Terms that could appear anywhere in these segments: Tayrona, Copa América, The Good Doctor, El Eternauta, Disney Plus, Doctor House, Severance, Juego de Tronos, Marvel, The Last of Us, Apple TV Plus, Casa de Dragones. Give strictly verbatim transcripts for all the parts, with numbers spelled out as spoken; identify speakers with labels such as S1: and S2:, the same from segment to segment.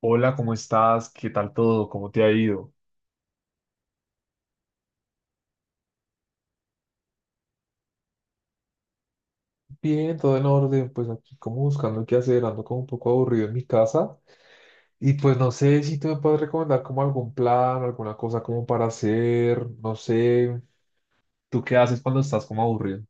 S1: Hola, ¿cómo estás? ¿Qué tal todo? ¿Cómo te ha ido? Bien, todo en orden, pues aquí como buscando qué hacer, ando como un poco aburrido en mi casa y pues no sé si tú me puedes recomendar como algún plan, alguna cosa como para hacer, no sé. ¿Tú qué haces cuando estás como aburrido?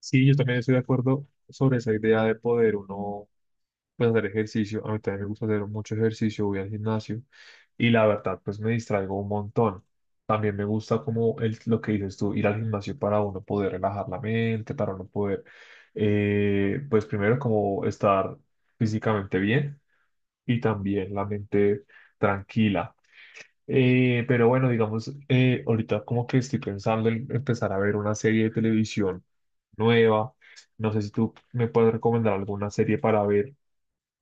S1: Sí, yo también estoy de acuerdo sobre esa idea de poder uno pues hacer ejercicio. A mí también me gusta hacer mucho ejercicio, voy al gimnasio y la verdad, pues me distraigo un montón. También me gusta como el, lo que dices tú, ir al gimnasio para uno poder relajar la mente, para uno poder, eh, pues primero como estar físicamente bien y también la mente tranquila. Eh, pero bueno, digamos, eh, ahorita como que estoy pensando en empezar a ver una serie de televisión nueva. No sé si tú me puedes recomendar alguna serie para ver.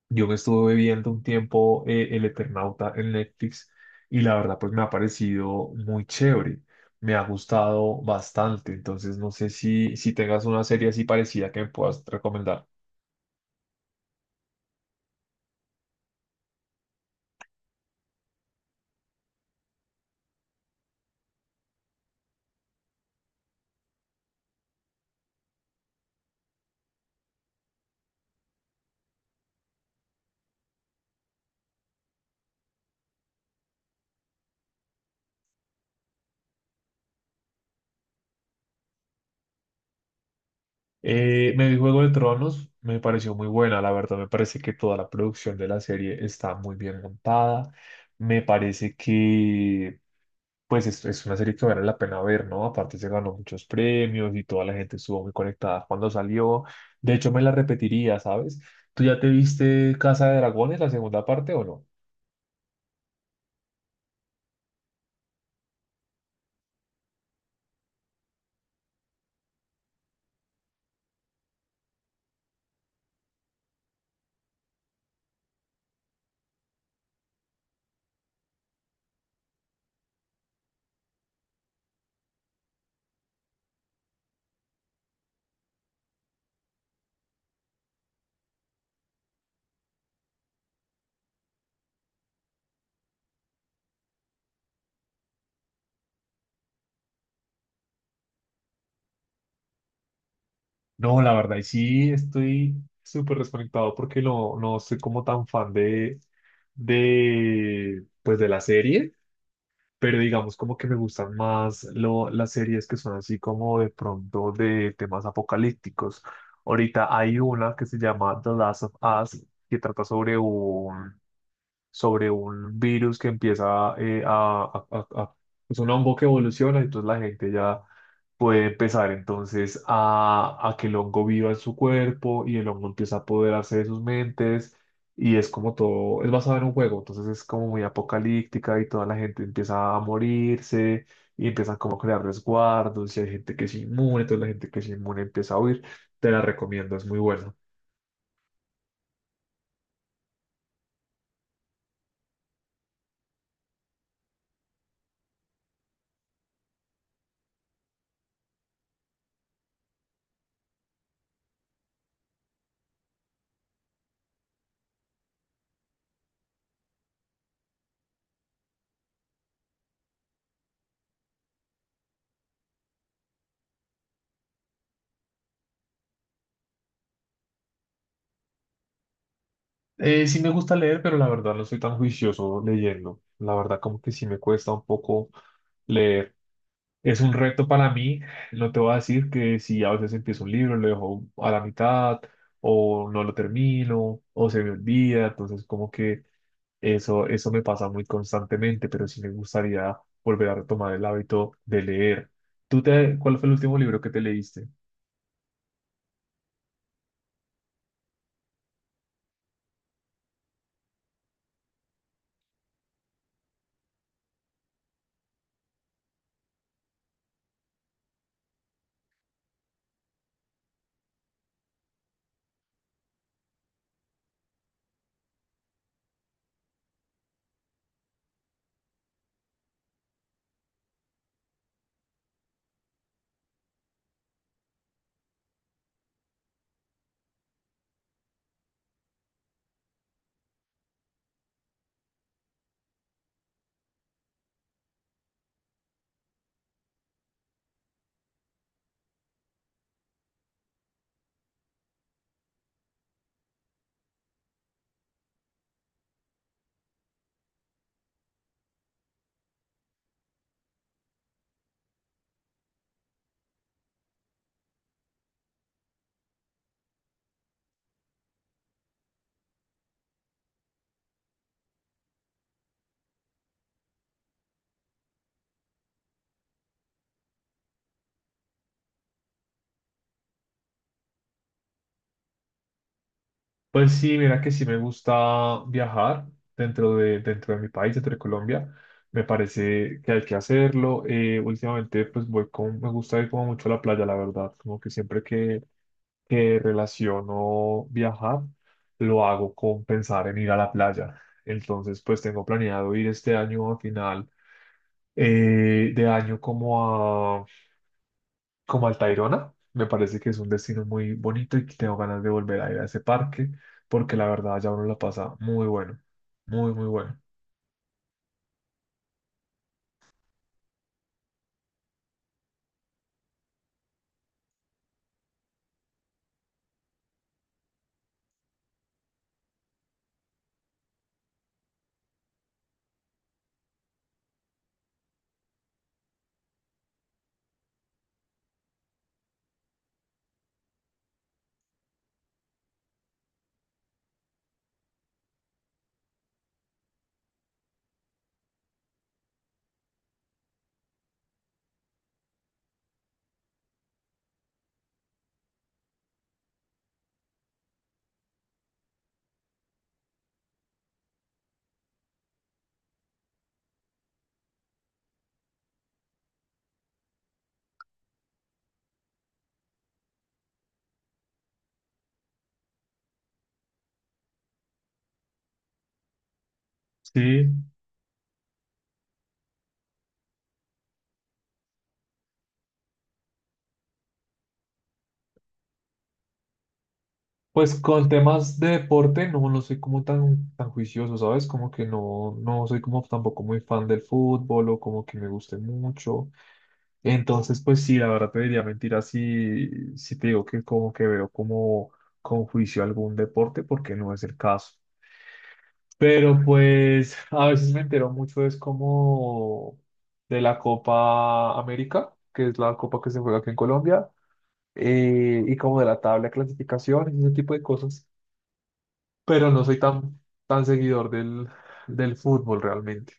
S1: Yo me estuve viendo un tiempo eh, El Eternauta en Netflix y la verdad pues me ha parecido muy chévere, me ha gustado bastante, entonces no sé si, si tengas una serie así parecida que me puedas recomendar. Eh, me vi Juego de Tronos, me pareció muy buena, la verdad me parece que toda la producción de la serie está muy bien montada, me parece que pues es, es una serie que vale la pena ver, ¿no? Aparte se ganó muchos premios y toda la gente estuvo muy conectada cuando salió. De hecho, me la repetiría, ¿sabes? ¿Tú ya te viste Casa de Dragones, la segunda parte o no? No, la verdad, y sí estoy súper desconectado porque no, no soy como tan fan de, de, pues de la serie. Pero digamos como que me gustan más lo, las series que son así como de pronto de temas apocalípticos. Ahorita hay una que se llama The Last of Us, que trata sobre un, sobre un virus que empieza eh, a, a- a- a- es un hongo que evoluciona, entonces la gente ya puede empezar entonces a, a que el hongo viva en su cuerpo y el hongo empieza a apoderarse de sus mentes y es como todo, es basado en un juego, entonces es como muy apocalíptica y toda la gente empieza a morirse y empiezan como a crear resguardos y hay gente que es inmune, entonces la gente que es inmune empieza a huir. Te la recomiendo, es muy buena. Eh, sí me gusta leer, pero la verdad no soy tan juicioso leyendo. La verdad como que sí me cuesta un poco leer. Es un reto para mí. No te voy a decir que si a veces empiezo un libro, lo dejo a la mitad o no lo termino o se me olvida. Entonces como que eso, eso me pasa muy constantemente, pero sí me gustaría volver a retomar el hábito de leer. ¿Tú te, cuál fue el último libro que te leíste? Pues sí, mira que sí me gusta viajar dentro de, dentro de mi país, dentro de Colombia. Me parece que hay que hacerlo. Eh, últimamente, pues voy con, me gusta ir como mucho a la playa, la verdad. Como que siempre que, que relaciono viajar, lo hago con pensar en ir a la playa. Entonces, pues tengo planeado ir este año a final eh, de año como como al Tayrona. Me parece que es un destino muy bonito y que tengo ganas de volver a ir a ese parque porque la verdad ya uno la pasa muy bueno, muy, muy bueno. Sí, pues con temas de deporte no, no soy como tan, tan juicioso, ¿sabes? Como que no, no soy como tampoco muy fan del fútbol o como que me guste mucho. Entonces, pues sí, la verdad te diría mentira si, si te digo que como que veo como con juicio algún deporte porque no es el caso. Pero pues a veces me entero mucho es como de la Copa América, que es la copa que se juega aquí en Colombia, eh, y como de la tabla de clasificaciones y ese tipo de cosas. Pero no soy tan, tan seguidor del, del fútbol realmente.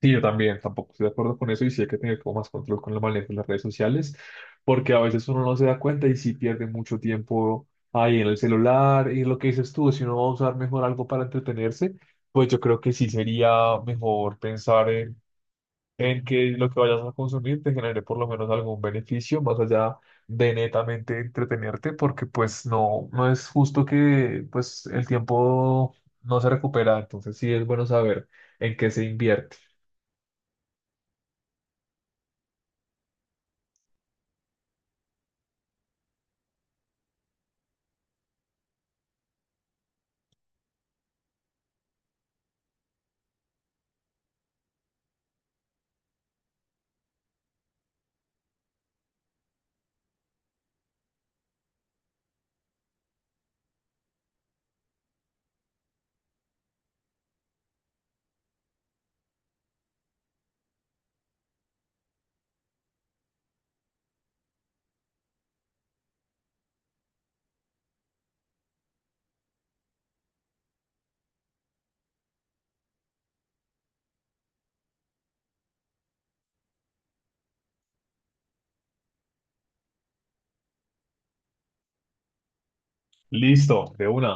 S1: Sí, yo también, tampoco estoy de acuerdo con eso y sí hay que tener como más control con el manejo de las redes sociales, porque a veces uno no se da cuenta y sí pierde mucho tiempo ahí en el celular y lo que dices tú, si uno va a usar mejor algo para entretenerse, pues yo creo que sí sería mejor pensar en, en que lo que vayas a consumir te genere por lo menos algún beneficio más allá de netamente entretenerte, porque pues no, no es justo que pues el tiempo no se recupera, entonces sí es bueno saber en qué se invierte. Listo, de una.